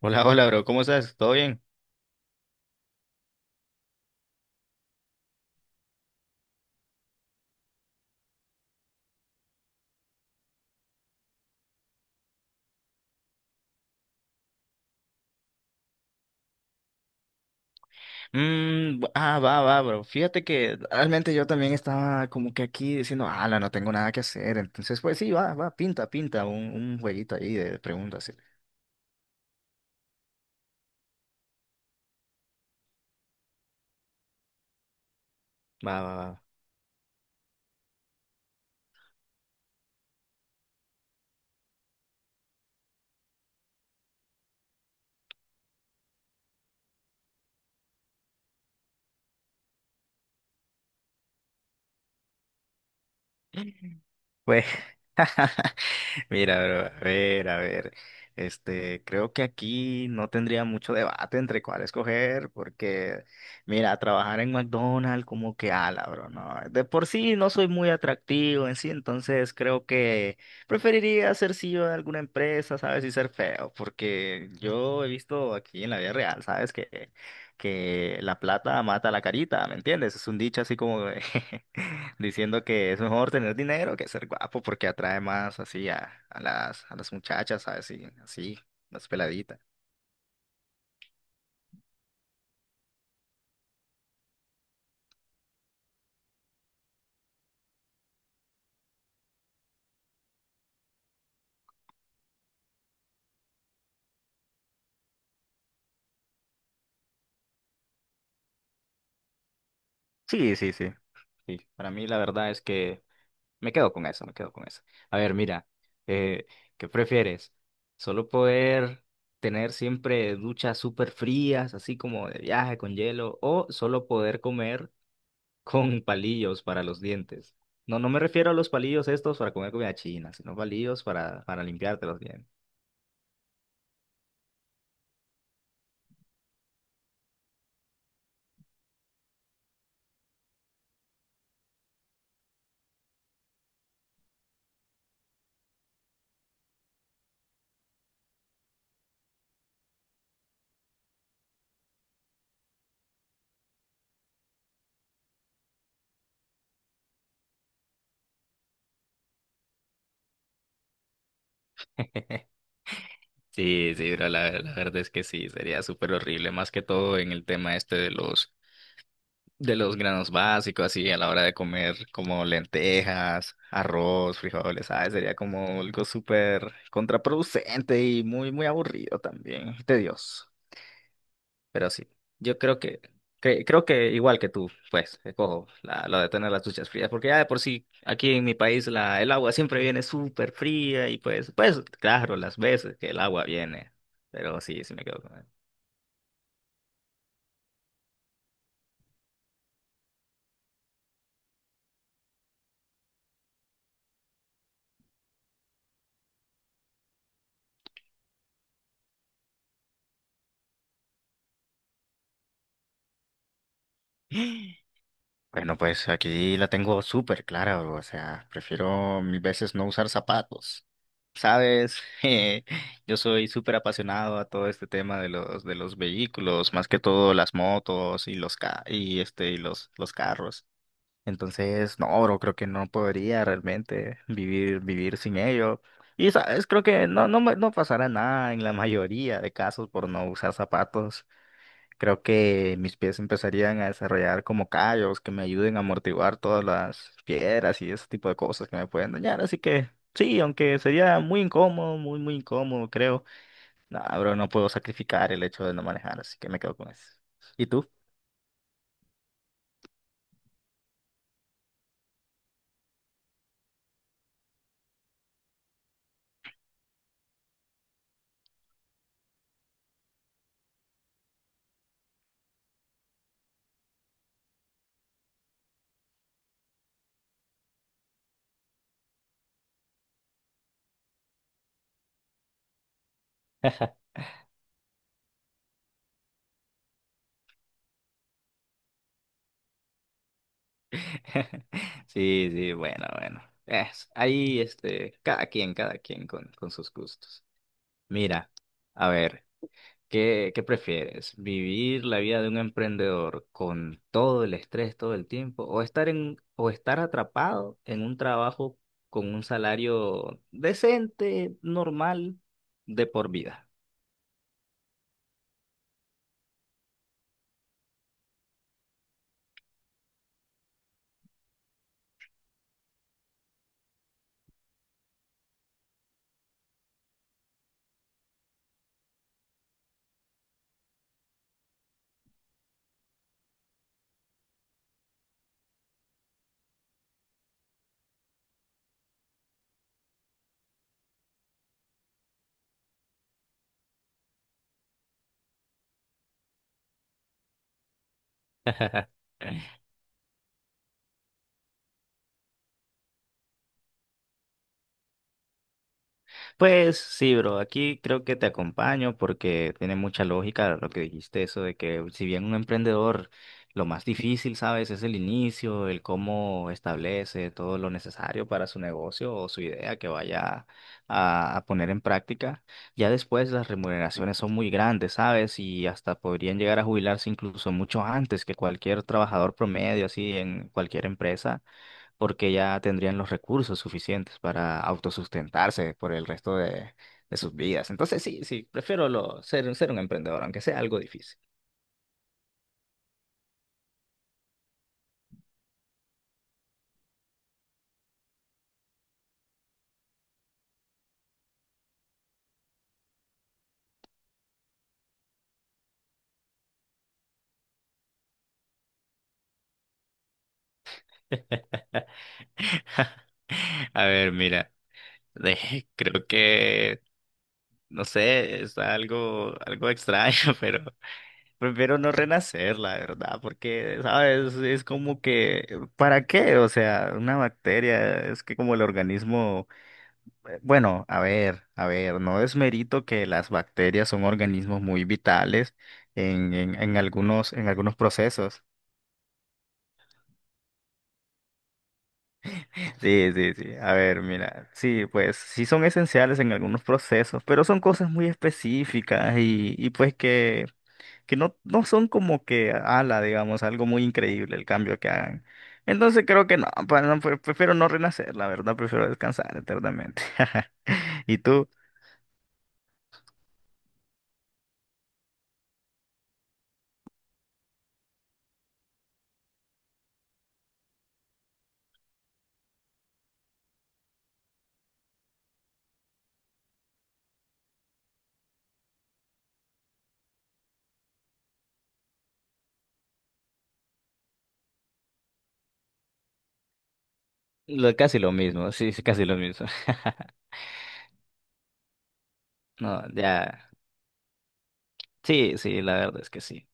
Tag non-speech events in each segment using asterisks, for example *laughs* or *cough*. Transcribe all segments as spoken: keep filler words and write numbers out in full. Hola, hola, bro. ¿Cómo estás? ¿Todo bien? Mm, bu- ah, va, va, bro. Fíjate que realmente yo también estaba como que aquí diciendo, ala, no tengo nada que hacer. Entonces, pues sí, va, va, pinta, pinta un, un jueguito ahí de preguntas. Sí. Va, va, va. *laughs* Pues mira, bro, a ver, a ver. Este, creo que aquí no tendría mucho debate entre cuál escoger, porque, mira, trabajar en McDonald's como que ala, bro, no. De por sí no soy muy atractivo en sí, entonces creo que preferiría ser C E O de alguna empresa, ¿sabes? Y ser feo, porque yo he visto aquí en la vida real, ¿sabes? Que que la plata mata la carita, ¿me entiendes? Es un dicho así como de- *laughs* diciendo que es mejor tener dinero que ser guapo porque atrae más así a, a las, a las muchachas, ¿sabes? Y así, las peladitas. Sí, sí, sí. Sí, para mí la verdad es que me quedo con eso, me quedo con eso. A ver, mira, eh, ¿qué prefieres? ¿Solo poder tener siempre duchas súper frías, así como de viaje con hielo, o solo poder comer con palillos para los dientes? No, no me refiero a los palillos estos para comer comida china, sino palillos para, para limpiarte los dientes. *laughs* Sí, sí, bro, la, la verdad es que sí, sería súper horrible, más que todo en el tema este de los, de los granos básicos, así a la hora de comer como lentejas, arroz, frijoles, ¿sabes? Sería como algo súper contraproducente y muy, muy aburrido también, tedioso. Pero sí, yo creo que, cre- creo que igual que tú, pues, escojo la, lo de tener las duchas frías, porque ya de por sí, aquí en mi país la, el agua siempre viene súper fría y pues, pues, claro, las veces que el agua viene, pero sí, sí me quedo con él. *gasps* Bueno, pues aquí la tengo súper clara, bro. O sea, prefiero mil veces no usar zapatos. Sabes, *laughs* Eh, yo soy súper apasionado a todo este tema de los de los vehículos, más que todo las motos y los ca y este y los los carros. Entonces, no, bro, creo que no podría realmente vivir, vivir sin ello. Y sabes, creo que no, no, me- no pasará nada en la mayoría de casos por no usar zapatos. Creo que mis pies empezarían a desarrollar como callos que me ayuden a amortiguar todas las piedras y ese tipo de cosas que me pueden dañar. Así que sí, aunque sería muy incómodo, muy, muy incómodo, creo. No, bro, no puedo sacrificar el hecho de no manejar, así que me quedo con eso. ¿Y tú? *laughs* *laughs* Sí, sí, bueno, bueno. Es, ahí, este, cada quien, cada quien con, con sus gustos. Mira, a ver, ¿qué, qué prefieres? ¿Vivir la vida de un emprendedor con todo el estrés todo el tiempo? ¿O estar en, o estar atrapado en un trabajo con un salario decente, normal, de por vida? *laughs* Pues sí, bro, aquí creo que te acompaño porque tiene mucha lógica lo que dijiste, eso de que si bien un emprendedor lo más difícil, ¿sabes? Es el inicio, el cómo establece todo lo necesario para su negocio o su idea que vaya a, a poner en práctica. Ya después las remuneraciones son muy grandes, ¿sabes? Y hasta podrían llegar a jubilarse incluso mucho antes que cualquier trabajador promedio, así en cualquier empresa porque ya tendrían los recursos suficientes para autosustentarse por el resto de, de sus vidas. Entonces, sí, sí, prefiero lo, ser, ser un emprendedor, aunque sea algo difícil. *laughs* A ver, mira, de- *laughs* creo que, no sé, está algo, algo extraño, *laughs* pero prefiero no renacer, la verdad, porque, ¿sabes? Es como que, ¿para qué? O sea, una bacteria, es que como el organismo... eh, bueno, a ver, a ver, no desmerito que las bacterias son organismos muy vitales en, en, en algunos, en algunos procesos. Sí, sí, sí. A ver, mira, sí, pues sí son esenciales en algunos procesos, pero son cosas muy específicas y, y pues que, que no, no son como que ala, digamos, algo muy increíble el cambio que hagan. Entonces creo que no, pa- no, pre- prefiero no renacer, la verdad, prefiero descansar eternamente. *laughs* ¿Y tú? Lo- casi lo mismo, sí, sí, casi lo mismo. *laughs* No, ya. Sí, sí, la verdad es que sí.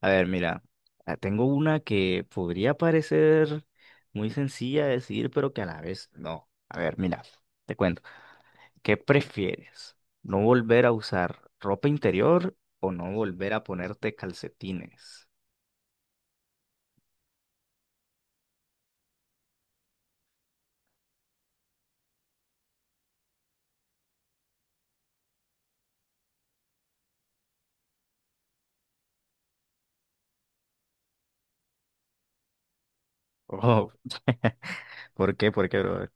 A ver, mira, ah, tengo una que podría parecer muy sencilla de decir, pero que a la vez no. A ver, mira, te cuento. ¿Qué prefieres? ¿No volver a usar ropa interior o no volver a ponerte calcetines? Oh, *laughs* ¿por qué? ¿Por qué, bro?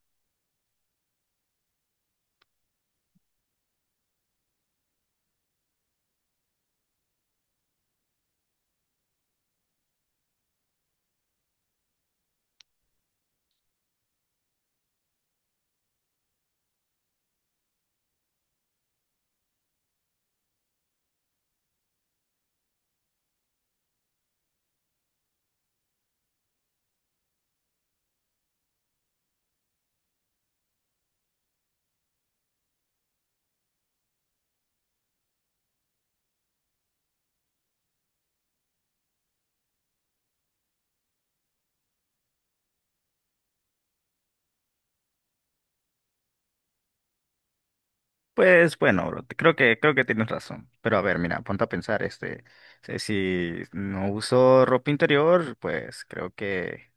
Pues bueno, bro, te- creo que, creo que tienes razón. Pero a ver, mira, ponte a pensar, este, si si no uso ropa interior, pues creo que,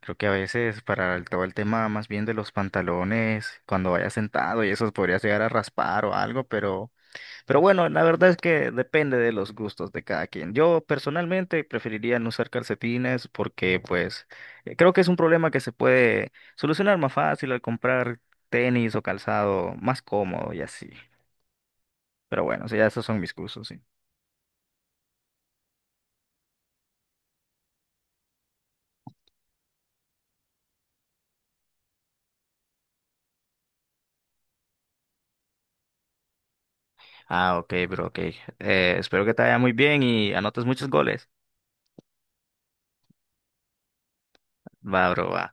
creo que a veces para el- todo el tema más bien de los pantalones, cuando vaya sentado y eso podrías llegar a raspar o algo, pero, pero bueno, la verdad es que depende de los gustos de cada quien. Yo personalmente preferiría no usar calcetines porque pues eh, creo que es un problema que se puede solucionar más fácil al comprar tenis o calzado más cómodo y así. Pero bueno, sí, ya esos son mis cursos, sí. Ah, ok, bro, ok. Eh, espero que te vaya muy bien y anotes muchos goles. Va, bro, va.